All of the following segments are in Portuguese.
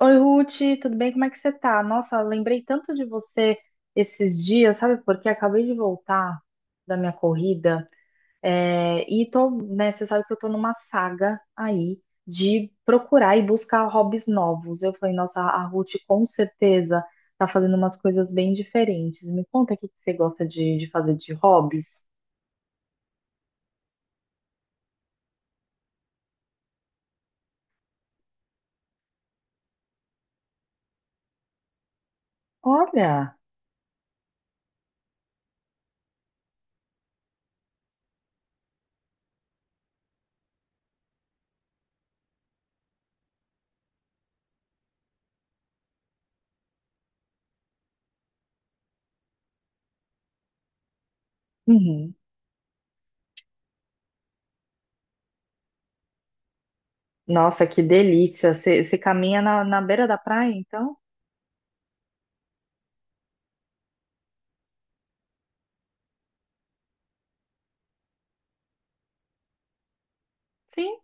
Oi, Ruth, tudo bem? Como é que você tá? Nossa, lembrei tanto de você esses dias, sabe? Porque acabei de voltar da minha corrida, é, e tô, né, você sabe que eu tô numa saga aí de procurar e buscar hobbies novos. Eu falei, nossa, a Ruth com certeza tá fazendo umas coisas bem diferentes. Me conta o que que você gosta de fazer de hobbies. Olha! Uhum. Nossa, que delícia! Você caminha na beira da praia, então? Sim,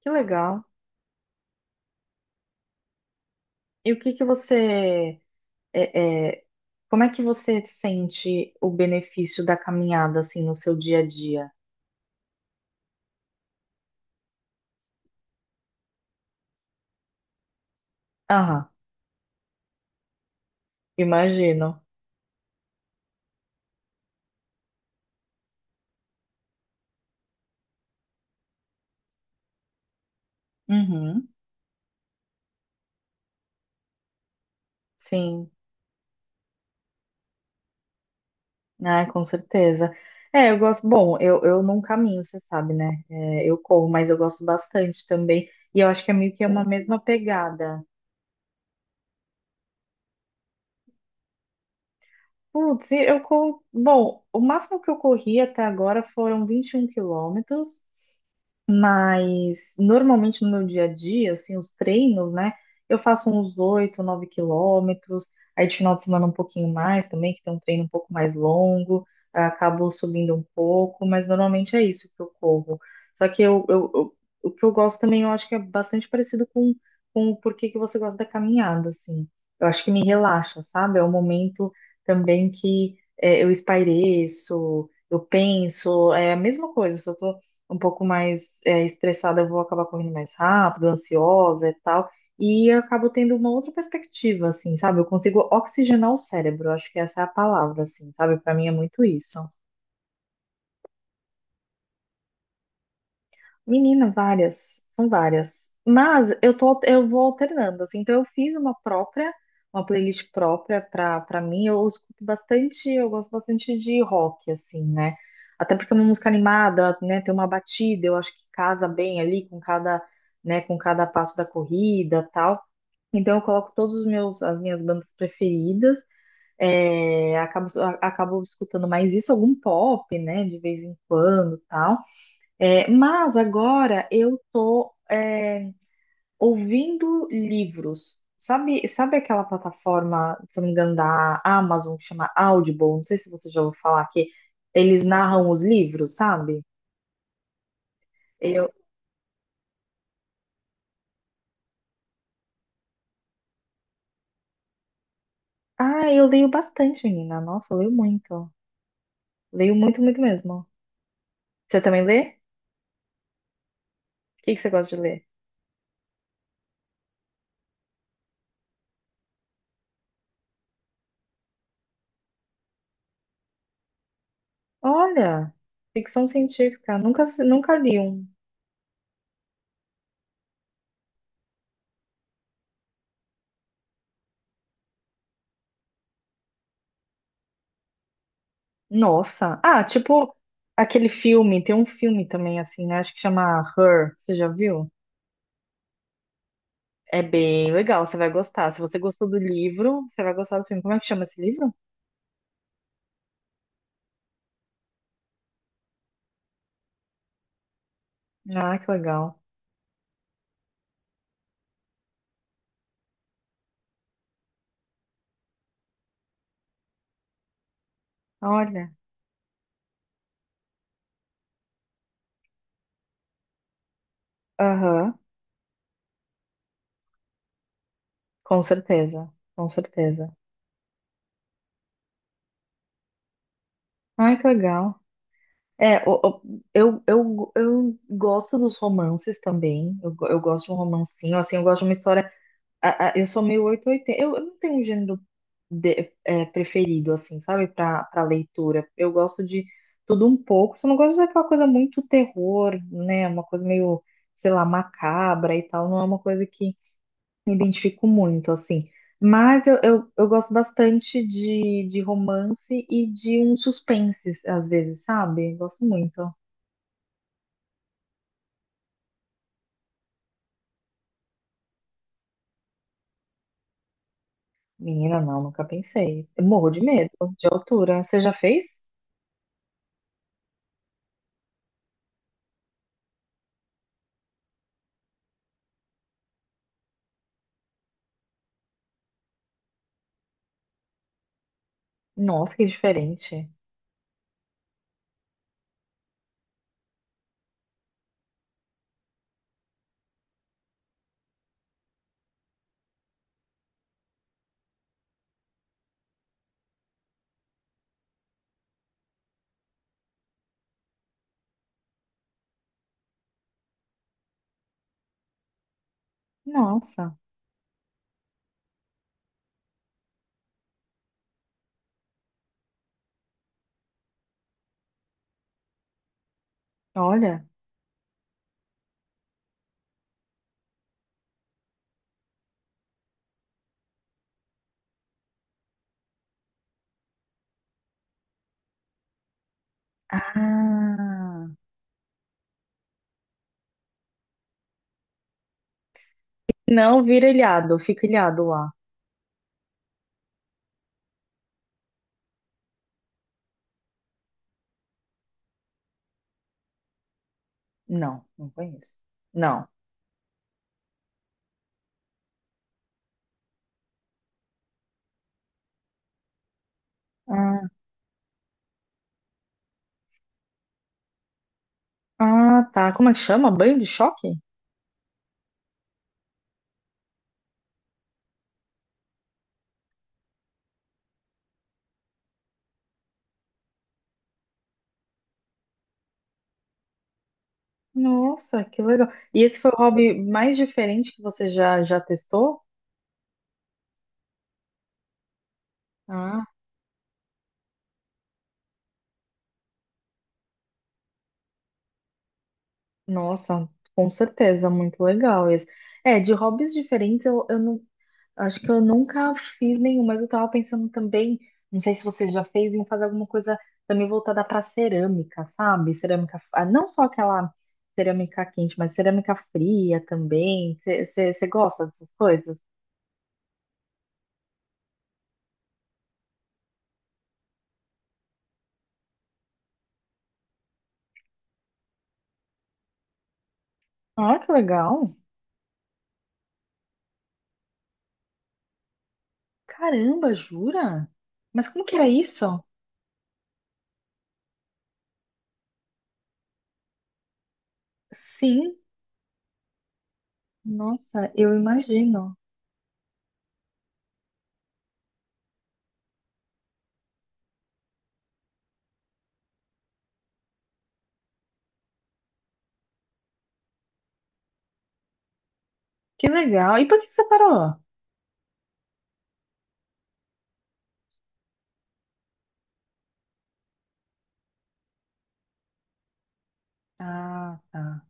que legal. E o que que você é, é, como é que você sente o benefício da caminhada assim no seu dia a dia? Aham, imagino. Uhum, sim, ah, com certeza. É, eu gosto. Bom, eu não caminho, você sabe, né? É, eu corro, mas eu gosto bastante também. E eu acho que é meio que é uma mesma pegada. Putz, e eu corro. Bom, o máximo que eu corri até agora foram 21 quilômetros. Mas normalmente no meu dia a dia, assim, os treinos, né? Eu faço uns 8, 9 quilômetros, aí de final de semana um pouquinho mais também, que tem um treino um pouco mais longo, ah, acabo subindo um pouco, mas normalmente é isso que eu corro. Só que o que eu gosto também, eu acho que é bastante parecido com o porquê que você gosta da caminhada, assim. Eu acho que me relaxa, sabe? É um momento também que eu espaireço, eu penso, é a mesma coisa, só tô um pouco mais estressada, eu vou acabar correndo mais rápido, ansiosa e tal. E eu acabo tendo uma outra perspectiva, assim, sabe? Eu consigo oxigenar o cérebro, eu acho que essa é a palavra, assim, sabe? Para mim é muito isso. Menina, várias, são várias. Mas eu tô, eu vou alternando, assim. Então eu fiz uma própria, uma playlist própria pra para mim. Eu escuto bastante, eu gosto bastante de rock, assim, né? Até porque é uma música animada, né? Tem uma batida, eu acho que casa bem ali com cada, né? Com cada passo da corrida, tal. Então eu coloco todos os meus, as minhas bandas preferidas. É, acabo, acabo escutando mais isso, algum pop, né? De vez em quando, tal. Mas agora eu tô ouvindo livros. Sabe aquela plataforma, se não me engano, da Amazon, que chama Audible? Não sei se você já ouviu falar que eles narram os livros, sabe? Eu, ah, eu leio bastante, menina. Nossa, eu leio muito. Leio muito, muito mesmo. Você também lê? O que que você gosta de ler? Olha, ficção científica. Nunca, nunca li um. Nossa. Ah, tipo aquele filme, tem um filme também assim, né? Acho que chama Her, você já viu? É bem legal, você vai gostar. Se você gostou do livro, você vai gostar do filme. Como é que chama esse livro? Ah, que legal. Olha. Aham, com certeza, com certeza. Ai, que legal. É, o- o- eu gosto dos romances também. Eu gosto de um romancinho, assim, eu gosto de uma história eu sou meio 8 ou 80. Eu não tenho um gênero preferido, assim, sabe, para leitura. Eu gosto de tudo um pouco. Só não gosto daquela coisa muito terror, né? Uma coisa meio, sei lá, macabra e tal. Não é uma coisa que me identifico muito, assim. Mas eu gosto bastante de romance e de um suspense, às vezes, sabe? Gosto muito. Menina, não, nunca pensei. Eu morro de medo de altura. Você já fez? Nossa, que diferente. Nossa. Olha. Ah. Não vira ilhado, fica ilhado lá. Não, não conheço. Não. Ah, ah, tá. Como é que chama? Banho de choque? Nossa, que legal. E esse foi o hobby mais diferente que você já, já testou? Ah, nossa, com certeza, muito legal esse. É, de hobbies diferentes eu não acho que eu nunca fiz nenhum, mas eu tava pensando também, não sei se você já fez, em fazer alguma coisa também voltada para cerâmica, sabe? Cerâmica, ah, não só aquela cerâmica quente, mas cerâmica fria também. Você gosta dessas coisas? Ah, que legal! Caramba, jura? Mas como que era isso? Sim, nossa, eu imagino. Que legal. E por que você parou? Ah, tá.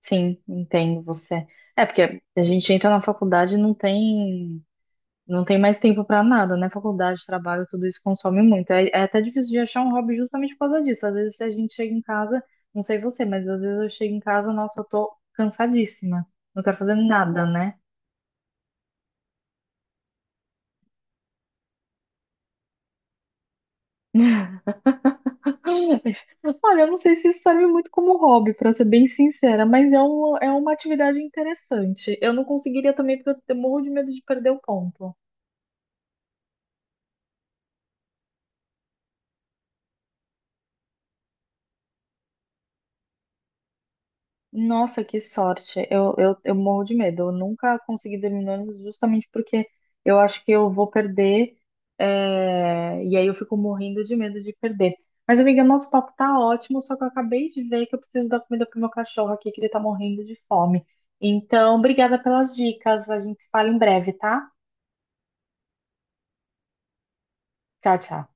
Sim, entendo você. É porque a gente entra na faculdade e não tem. Não tem mais tempo pra nada, né? Faculdade, trabalho, tudo isso consome muito. É, é até difícil de achar um hobby justamente por causa disso. Às vezes, se a gente chega em casa, não sei você, mas às vezes eu chego em casa, nossa, eu tô cansadíssima. Não quero fazer nada, né? Olha, eu não sei se isso serve muito como hobby, pra ser bem sincera, mas é uma atividade interessante. Eu não conseguiria também, porque eu morro de medo de perder o ponto. Nossa, que sorte. Eu morro de medo. Eu nunca consegui dormir no ônibus justamente porque eu acho que eu vou perder. E aí eu fico morrendo de medo de perder. Mas, amiga, nosso papo tá ótimo, só que eu acabei de ver que eu preciso dar comida pro meu cachorro aqui, que ele tá morrendo de fome. Então, obrigada pelas dicas. A gente se fala em breve, tá? Tchau, tchau.